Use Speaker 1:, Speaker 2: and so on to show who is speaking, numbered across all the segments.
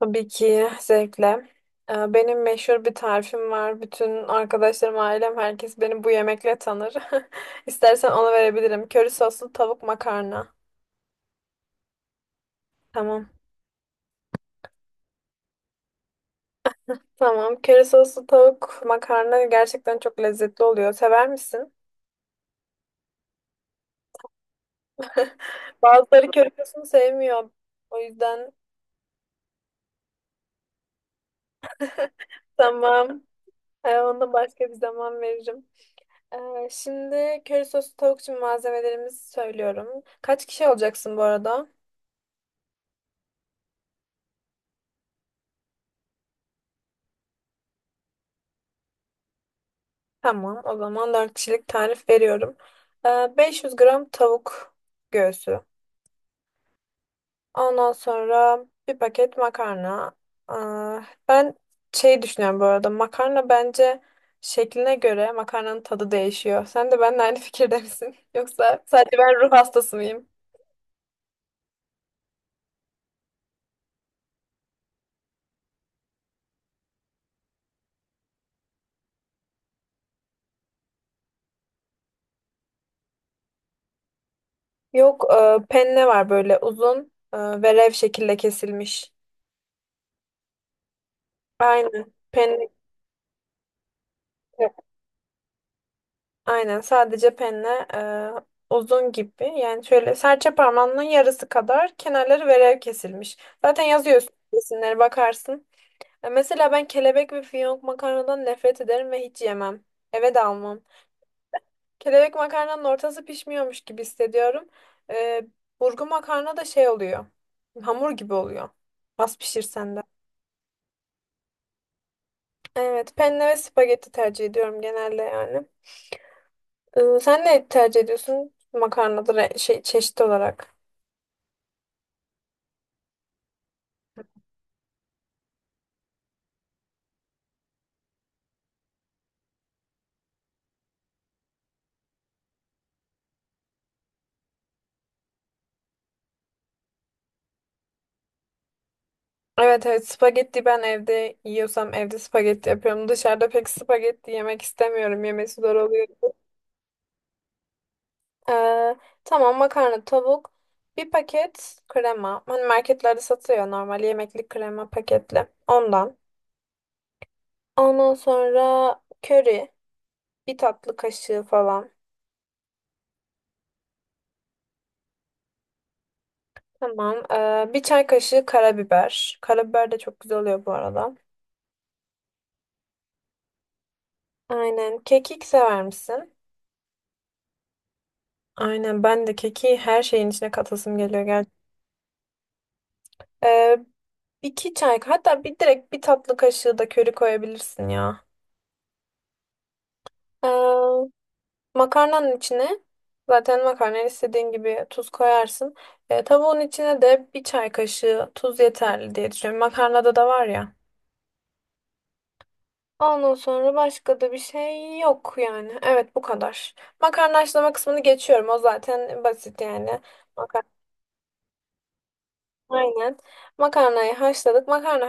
Speaker 1: Tabii ki zevkle. Benim meşhur bir tarifim var. Bütün arkadaşlarım, ailem, herkes beni bu yemekle tanır. İstersen onu verebilirim. Köri soslu tavuk makarna. Tamam. Tamam. Köri soslu tavuk makarna gerçekten çok lezzetli oluyor. Sever misin? Bazıları köri sosunu sevmiyor. O yüzden Tamam. Ona başka bir zaman veririm. Şimdi köri soslu tavuk için malzemelerimizi söylüyorum. Kaç kişi olacaksın bu arada? Tamam, o zaman 4 kişilik tarif veriyorum. 500 gram tavuk göğsü. Ondan sonra bir paket makarna. Aa, ben şey düşünüyorum bu arada. Makarna bence şekline göre makarnanın tadı değişiyor. Sen de benimle aynı fikirde misin? Yoksa sadece ben ruh hastası mıyım? Yok penne var, böyle uzun ve rev şekilde kesilmiş. Aynen. Penne. Aynen, sadece penne uzun gibi. Yani şöyle serçe parmağının yarısı kadar, kenarları verev kesilmiş. Zaten yazıyorsun, resimlere bakarsın. Mesela ben kelebek ve fiyonk makarnadan nefret ederim ve hiç yemem. Eve de almam. Kelebek makarnanın ortası pişmiyormuş gibi hissediyorum. E, burgu makarna da şey oluyor. Hamur gibi oluyor. Az pişirsen de. Evet, penne ve spagetti tercih ediyorum genelde yani. Sen ne tercih ediyorsun? Makarnadır şey, çeşit olarak. Evet, evet, spagetti, ben evde yiyorsam evde spagetti yapıyorum. Dışarıda pek spagetti yemek istemiyorum. Yemesi zor oluyor. Ee, tamam, makarna, tavuk, bir paket krema. Hani marketlerde satıyor, normal yemeklik krema paketli. Ondan. Ondan sonra köri, bir tatlı kaşığı falan. Tamam. Bir çay kaşığı karabiber. Karabiber de çok güzel oluyor bu arada. Aynen. Kekik sever misin? Aynen, ben de keki her şeyin içine katasım geliyor, gel. Ee, iki çay, hatta bir direkt bir tatlı kaşığı da köri koyabilirsin ya. Ee, Makarnanın içine zaten makarnayı istediğin gibi tuz koyarsın. Tavuğun içine de bir çay kaşığı tuz yeterli diye düşünüyorum. Makarnada da var ya. Ondan sonra başka da bir şey yok yani. Evet, bu kadar. Makarna haşlama kısmını geçiyorum. O zaten basit yani. Makarna. Aynen. Makarnayı haşladık. Makarna...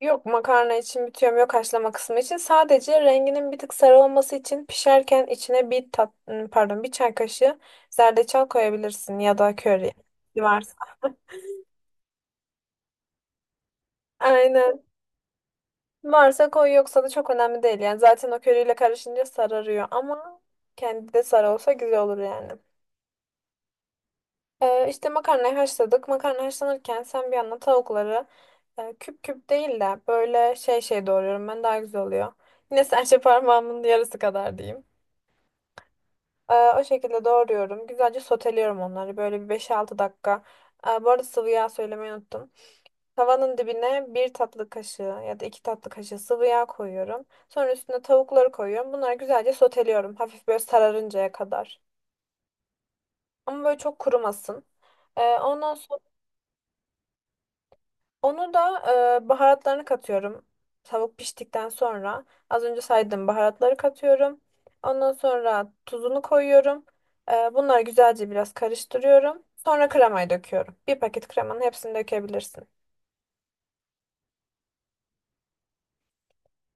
Speaker 1: Yok, makarna için bitiyorum, yok, haşlama kısmı için. Sadece renginin bir tık sarı olması için, pişerken içine bir tat ım, pardon bir çay kaşığı zerdeçal koyabilirsin, ya da köri varsa. Aynen. Varsa koy, yoksa da çok önemli değil yani. Zaten o köriyle karışınca sararıyor, ama kendi de sarı olsa güzel olur yani. İşte makarnayı haşladık. Makarna haşlanırken sen bir yandan tavukları küp küp değil de böyle şey doğruyorum ben, daha güzel oluyor. Yine serçe parmağımın yarısı kadar diyeyim. O şekilde doğruyorum. Güzelce soteliyorum onları. Böyle bir 5-6 dakika. Bu arada sıvı yağ söylemeyi unuttum. Tavanın dibine bir tatlı kaşığı ya da 2 tatlı kaşığı sıvı yağ koyuyorum. Sonra üstüne tavukları koyuyorum. Bunları güzelce soteliyorum. Hafif böyle sararıncaya kadar. Ama böyle çok kurumasın. Ondan sonra onu da baharatlarını katıyorum. Tavuk piştikten sonra az önce saydığım baharatları katıyorum. Ondan sonra tuzunu koyuyorum. Bunları güzelce biraz karıştırıyorum. Sonra kremayı döküyorum. Bir paket kremanın hepsini dökebilirsin.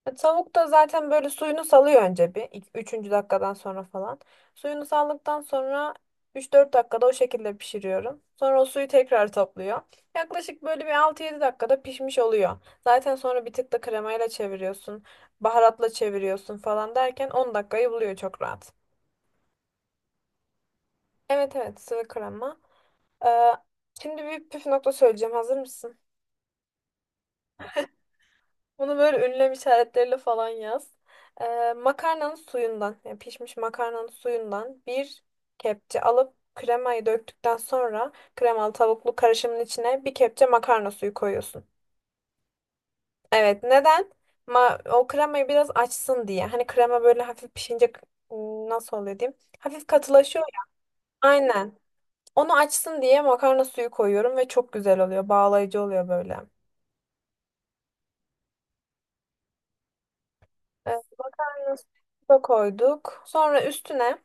Speaker 1: Tavuk da zaten böyle suyunu salıyor önce bir. Üçüncü dakikadan sonra falan. Suyunu saldıktan sonra 3-4 dakikada o şekilde pişiriyorum. Sonra o suyu tekrar topluyor. Yaklaşık böyle bir 6-7 dakikada pişmiş oluyor. Zaten sonra bir tık da kremayla çeviriyorsun. Baharatla çeviriyorsun falan derken 10 dakikayı buluyor çok rahat. Evet, evet, sıvı krema. Ee, şimdi bir püf nokta söyleyeceğim. Hazır mısın? Bunu böyle ünlem işaretleriyle falan yaz. Makarnanın suyundan, yani pişmiş makarnanın suyundan bir kepçe alıp, kremayı döktükten sonra kremalı tavuklu karışımın içine bir kepçe makarna suyu koyuyorsun. Evet, neden? O kremayı biraz açsın diye. Hani krema böyle hafif pişince nasıl oluyor diyeyim? Hafif katılaşıyor ya. Aynen. Onu açsın diye makarna suyu koyuyorum ve çok güzel oluyor. Bağlayıcı oluyor böyle. Ee, makarna suyu da koyduk. Sonra üstüne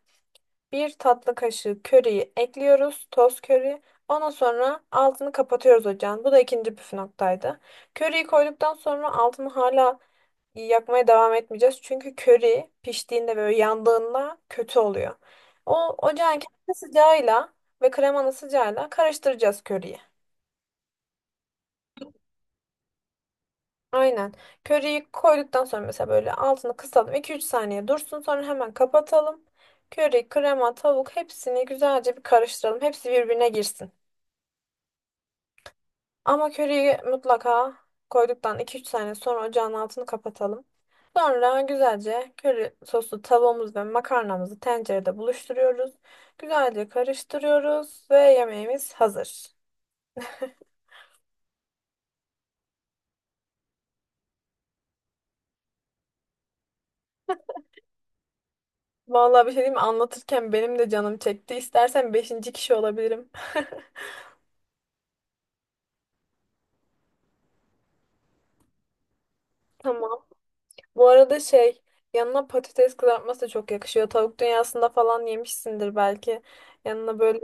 Speaker 1: bir tatlı kaşığı köriyi ekliyoruz. Toz köri. Ondan sonra altını kapatıyoruz ocağın. Bu da ikinci püf noktaydı. Köriyi koyduktan sonra altını hala yakmaya devam etmeyeceğiz. Çünkü köri piştiğinde, böyle yandığında kötü oluyor. O ocağın kendi sıcağıyla ve kremanın sıcağıyla karıştıracağız köriyi. Aynen. Köriyi koyduktan sonra mesela böyle altını kısalım. 2-3 saniye dursun, sonra hemen kapatalım. Köri, krema, tavuk, hepsini güzelce bir karıştıralım. Hepsi birbirine girsin. Ama köriyi mutlaka koyduktan 2-3 saniye sonra ocağın altını kapatalım. Sonra güzelce köri soslu tavuğumuz ve makarnamızı tencerede buluşturuyoruz. Güzelce karıştırıyoruz ve yemeğimiz hazır. Vallahi bir şey diyeyim mi? Anlatırken benim de canım çekti. İstersen beşinci kişi olabilirim. Tamam. Bu arada şey, yanına patates kızartması da çok yakışıyor. Tavuk dünyasında falan yemişsindir belki. Yanına böyle...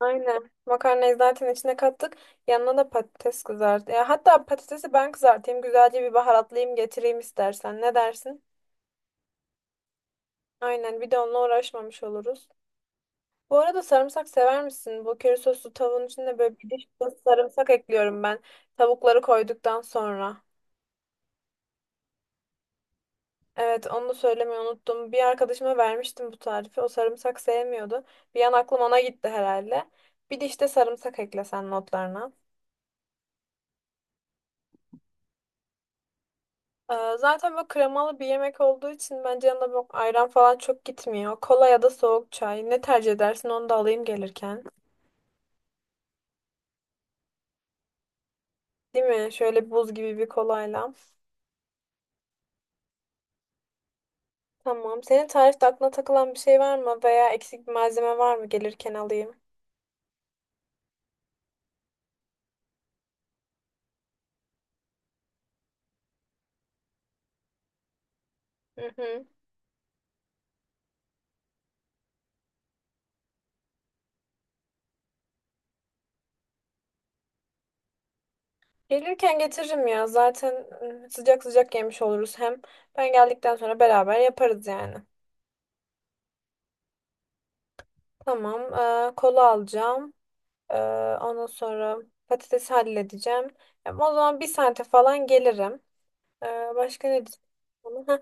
Speaker 1: Aynen. Makarnayı zaten içine kattık. Yanına da patates kızart. Ya, hatta patatesi ben kızartayım. Güzelce bir baharatlayayım, getireyim istersen. Ne dersin? Aynen. Bir de onunla uğraşmamış oluruz. Bu arada, sarımsak sever misin? Bu köri soslu tavuğun içinde böyle bir diş fırçası sarımsak ekliyorum ben. Tavukları koyduktan sonra. Evet, onu da söylemeyi unuttum. Bir arkadaşıma vermiştim bu tarifi. O sarımsak sevmiyordu. Bir an aklım ona gitti herhalde. Bir diş de sarımsak eklesen notlarına. Zaten böyle kremalı bir yemek olduğu için bence yanında böyle ayran falan çok gitmiyor. Kola ya da soğuk çay. Ne tercih edersin, onu da alayım gelirken. Değil mi? Şöyle buz gibi bir kolayla. Tamam. Senin tarifte aklına takılan bir şey var mı? Veya eksik bir malzeme var mı? Gelirken alayım. Hı hı. Gelirken getiririm ya. Zaten sıcak sıcak yemiş oluruz. Hem ben geldikten sonra beraber yaparız yani. Tamam. Kola alacağım. Ee, ondan sonra patatesi halledeceğim. Ya, o zaman bir saate falan gelirim. Başka ne diyeceğim? Heh.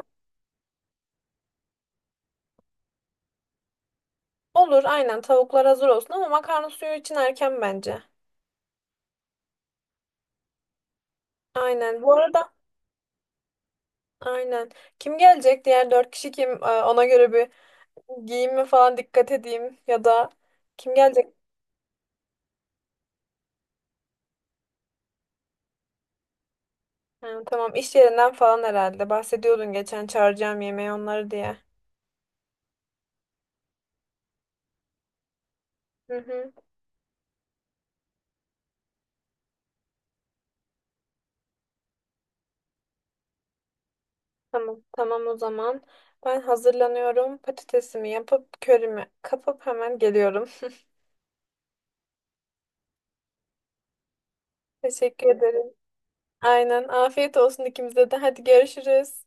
Speaker 1: Olur, aynen, tavuklar hazır olsun ama makarna suyu için erken bence. Aynen. Bu arada aynen. Kim gelecek? Diğer dört kişi kim? Ona göre bir giyinme falan dikkat edeyim, ya da kim gelecek? Ha, tamam, iş yerinden falan herhalde. Bahsediyordun geçen, çağıracağım yemeği onları diye. Hı hı. Tamam. Tamam, o zaman. Ben hazırlanıyorum. Patatesimi yapıp körümü kapıp hemen geliyorum. Teşekkür ederim. Aynen. Afiyet olsun ikimize de. Hadi görüşürüz.